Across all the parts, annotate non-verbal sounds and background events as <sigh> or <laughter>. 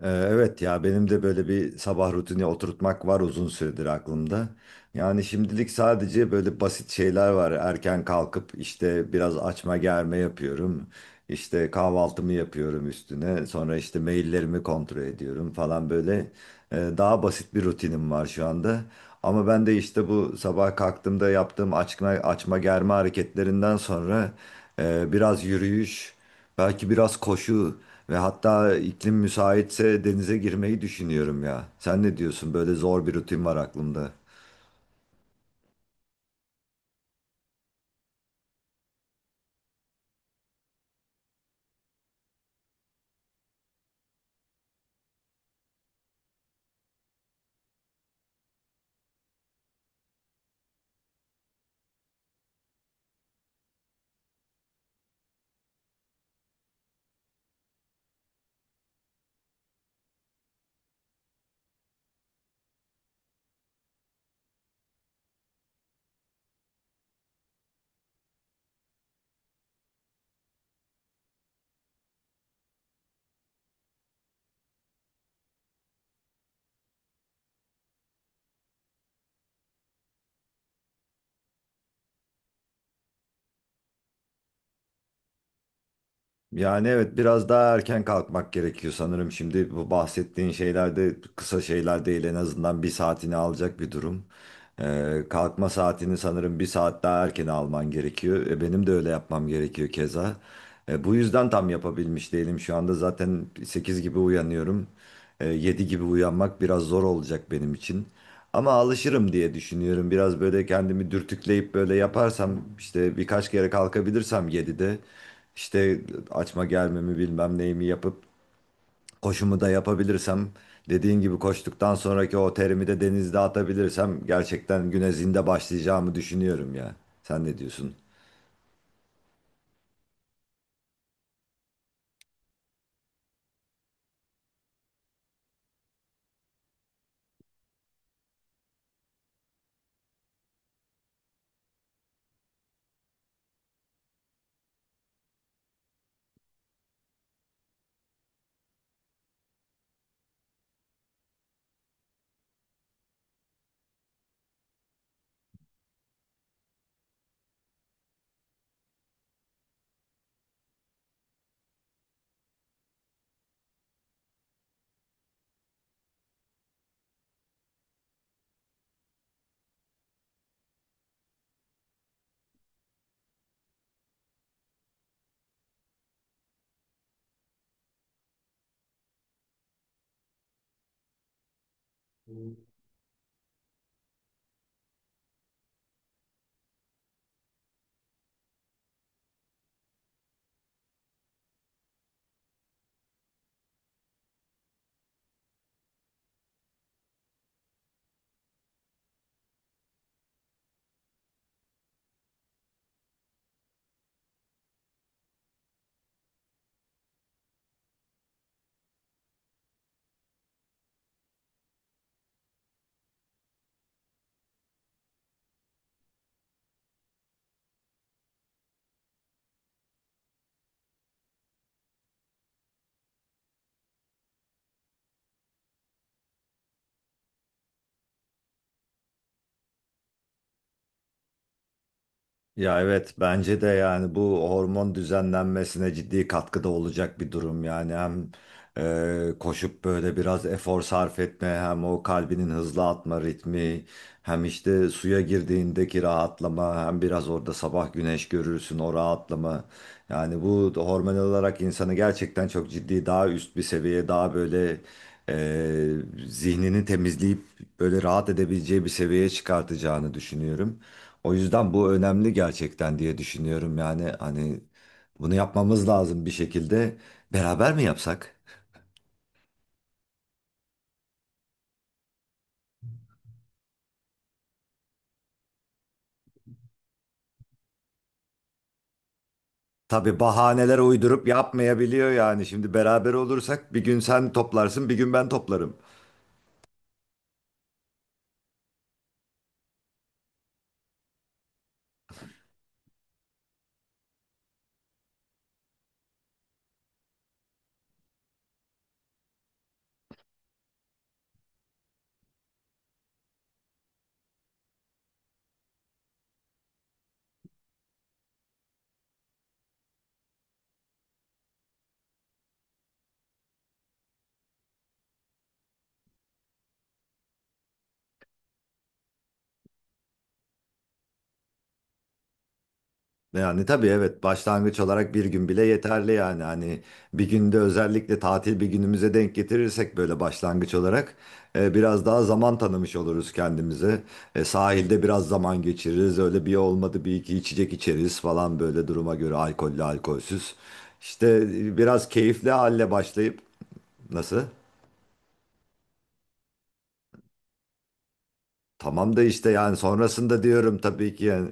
Evet ya benim de böyle bir sabah rutini oturtmak var uzun süredir aklımda. Yani şimdilik sadece böyle basit şeyler var. Erken kalkıp işte biraz açma germe yapıyorum. İşte kahvaltımı yapıyorum üstüne. Sonra işte maillerimi kontrol ediyorum falan böyle. Daha basit bir rutinim var şu anda. Ama ben de işte bu sabah kalktığımda yaptığım açma germe hareketlerinden sonra biraz yürüyüş, belki biraz koşu ve hatta iklim müsaitse denize girmeyi düşünüyorum ya. Sen ne diyorsun? Böyle zor bir rutin var aklımda. Yani evet biraz daha erken kalkmak gerekiyor sanırım. Şimdi bu bahsettiğin şeylerde kısa şeyler değil, en azından bir saatini alacak bir durum. Kalkma saatini sanırım bir saat daha erken alman gerekiyor. Benim de öyle yapmam gerekiyor keza. Bu yüzden tam yapabilmiş değilim şu anda. Zaten 8 gibi uyanıyorum. 7 gibi uyanmak biraz zor olacak benim için. Ama alışırım diye düşünüyorum. Biraz böyle kendimi dürtükleyip böyle yaparsam işte birkaç kere kalkabilirsem 7'de işte açma gelmemi bilmem neyimi yapıp koşumu da yapabilirsem, dediğin gibi koştuktan sonraki o terimi de denizde atabilirsem gerçekten güne zinde başlayacağımı düşünüyorum ya. Sen ne diyorsun? Ya evet bence de yani bu hormon düzenlenmesine ciddi katkıda olacak bir durum yani, hem koşup böyle biraz efor sarf etme, hem o kalbinin hızlı atma ritmi, hem işte suya girdiğindeki rahatlama, hem biraz orada sabah güneş görürsün o rahatlama, yani bu da hormonal olarak insanı gerçekten çok ciddi daha üst bir seviyeye, daha böyle e, zihnini temizleyip böyle rahat edebileceği bir seviyeye çıkartacağını düşünüyorum. O yüzden bu önemli gerçekten diye düşünüyorum, yani hani bunu yapmamız lazım bir şekilde. Beraber mi yapsak? Tabii bahaneler uydurup yapmayabiliyor yani. Şimdi beraber olursak bir gün sen toplarsın, bir gün ben toplarım. Yani tabii evet başlangıç olarak bir gün bile yeterli, yani hani bir günde, özellikle tatil bir günümüze denk getirirsek böyle başlangıç olarak biraz daha zaman tanımış oluruz kendimize. Sahilde biraz zaman geçiririz, öyle bir olmadı bir iki içecek içeriz falan, böyle duruma göre alkollü alkolsüz. İşte biraz keyifli halle başlayıp nasıl? Tamam da işte yani sonrasında diyorum tabii ki yani.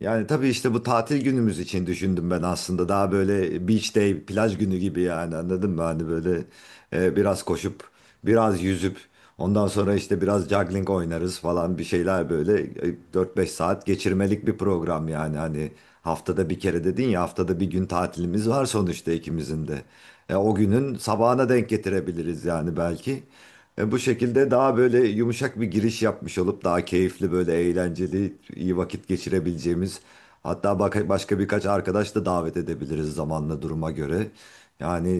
Yani tabii işte bu tatil günümüz için düşündüm ben aslında. Daha böyle beach day, plaj günü gibi, yani anladın mı? Hani böyle biraz koşup, biraz yüzüp, ondan sonra işte biraz juggling oynarız falan bir şeyler, böyle 4-5 saat geçirmelik bir program yani. Hani haftada bir kere dedin ya, haftada bir gün tatilimiz var sonuçta ikimizin de. O günün sabahına denk getirebiliriz yani belki. Bu şekilde daha böyle yumuşak bir giriş yapmış olup daha keyifli, böyle eğlenceli iyi vakit geçirebileceğimiz, hatta başka birkaç arkadaş da davet edebiliriz zamanla duruma göre. Yani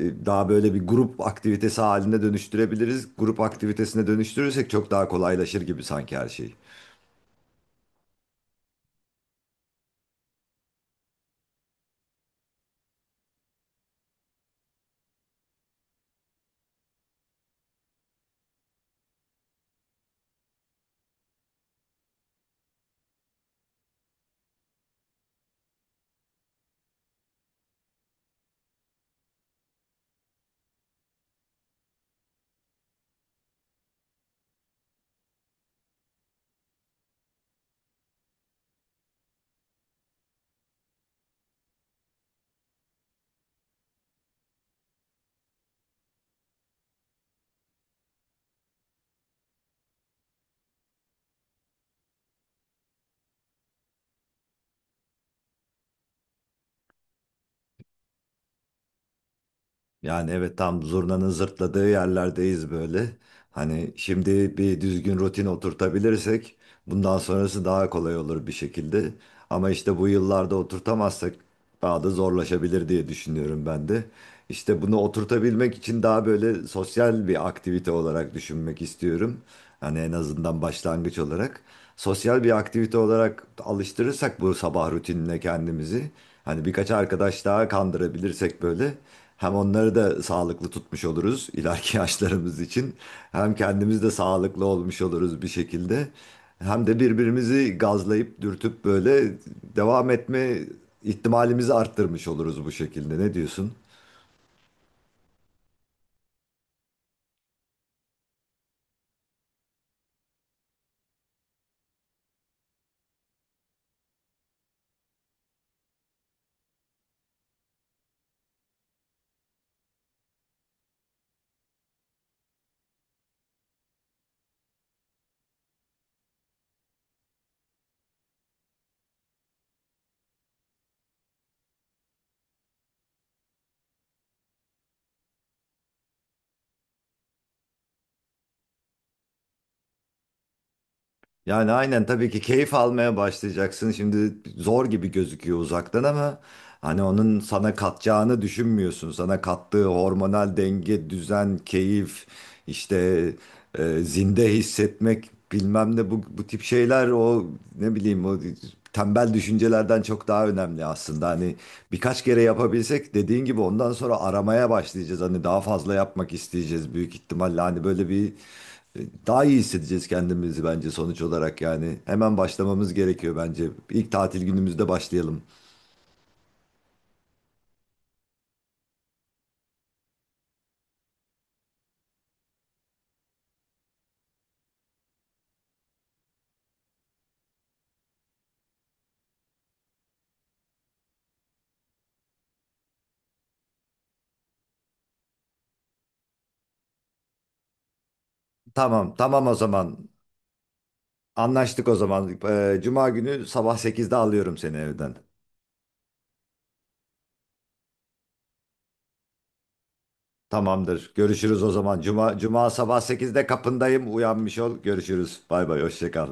daha böyle bir grup aktivitesi haline dönüştürebiliriz. Grup aktivitesine dönüştürürsek çok daha kolaylaşır gibi sanki her şey. Yani evet, tam zurnanın zırtladığı yerlerdeyiz böyle. Hani şimdi bir düzgün rutin oturtabilirsek bundan sonrası daha kolay olur bir şekilde. Ama işte bu yıllarda oturtamazsak daha da zorlaşabilir diye düşünüyorum ben de. İşte bunu oturtabilmek için daha böyle sosyal bir aktivite olarak düşünmek istiyorum. Hani en azından başlangıç olarak. Sosyal bir aktivite olarak alıştırırsak bu sabah rutinine kendimizi. Hani birkaç arkadaş daha kandırabilirsek böyle. Hem onları da sağlıklı tutmuş oluruz ileriki <laughs> yaşlarımız için. Hem kendimiz de sağlıklı olmuş oluruz bir şekilde. Hem de birbirimizi gazlayıp dürtüp böyle devam etme ihtimalimizi arttırmış oluruz bu şekilde. Ne diyorsun? Yani aynen, tabii ki keyif almaya başlayacaksın. Şimdi zor gibi gözüküyor uzaktan ama hani onun sana katacağını düşünmüyorsun. Sana kattığı hormonal denge, düzen, keyif, işte zinde hissetmek bilmem ne, bu tip şeyler, o ne bileyim, o tembel düşüncelerden çok daha önemli aslında. Hani birkaç kere yapabilsek dediğin gibi, ondan sonra aramaya başlayacağız. Hani daha fazla yapmak isteyeceğiz büyük ihtimalle. Hani böyle bir daha iyi hissedeceğiz kendimizi bence sonuç olarak yani. Hemen başlamamız gerekiyor bence. İlk tatil günümüzde başlayalım. Tamam, tamam o zaman. Anlaştık o zaman. Cuma günü sabah sekizde alıyorum seni evden. Tamamdır. Görüşürüz o zaman. Cuma, Cuma sabah sekizde kapındayım. Uyanmış ol. Görüşürüz. Bay bay. Hoşça kal.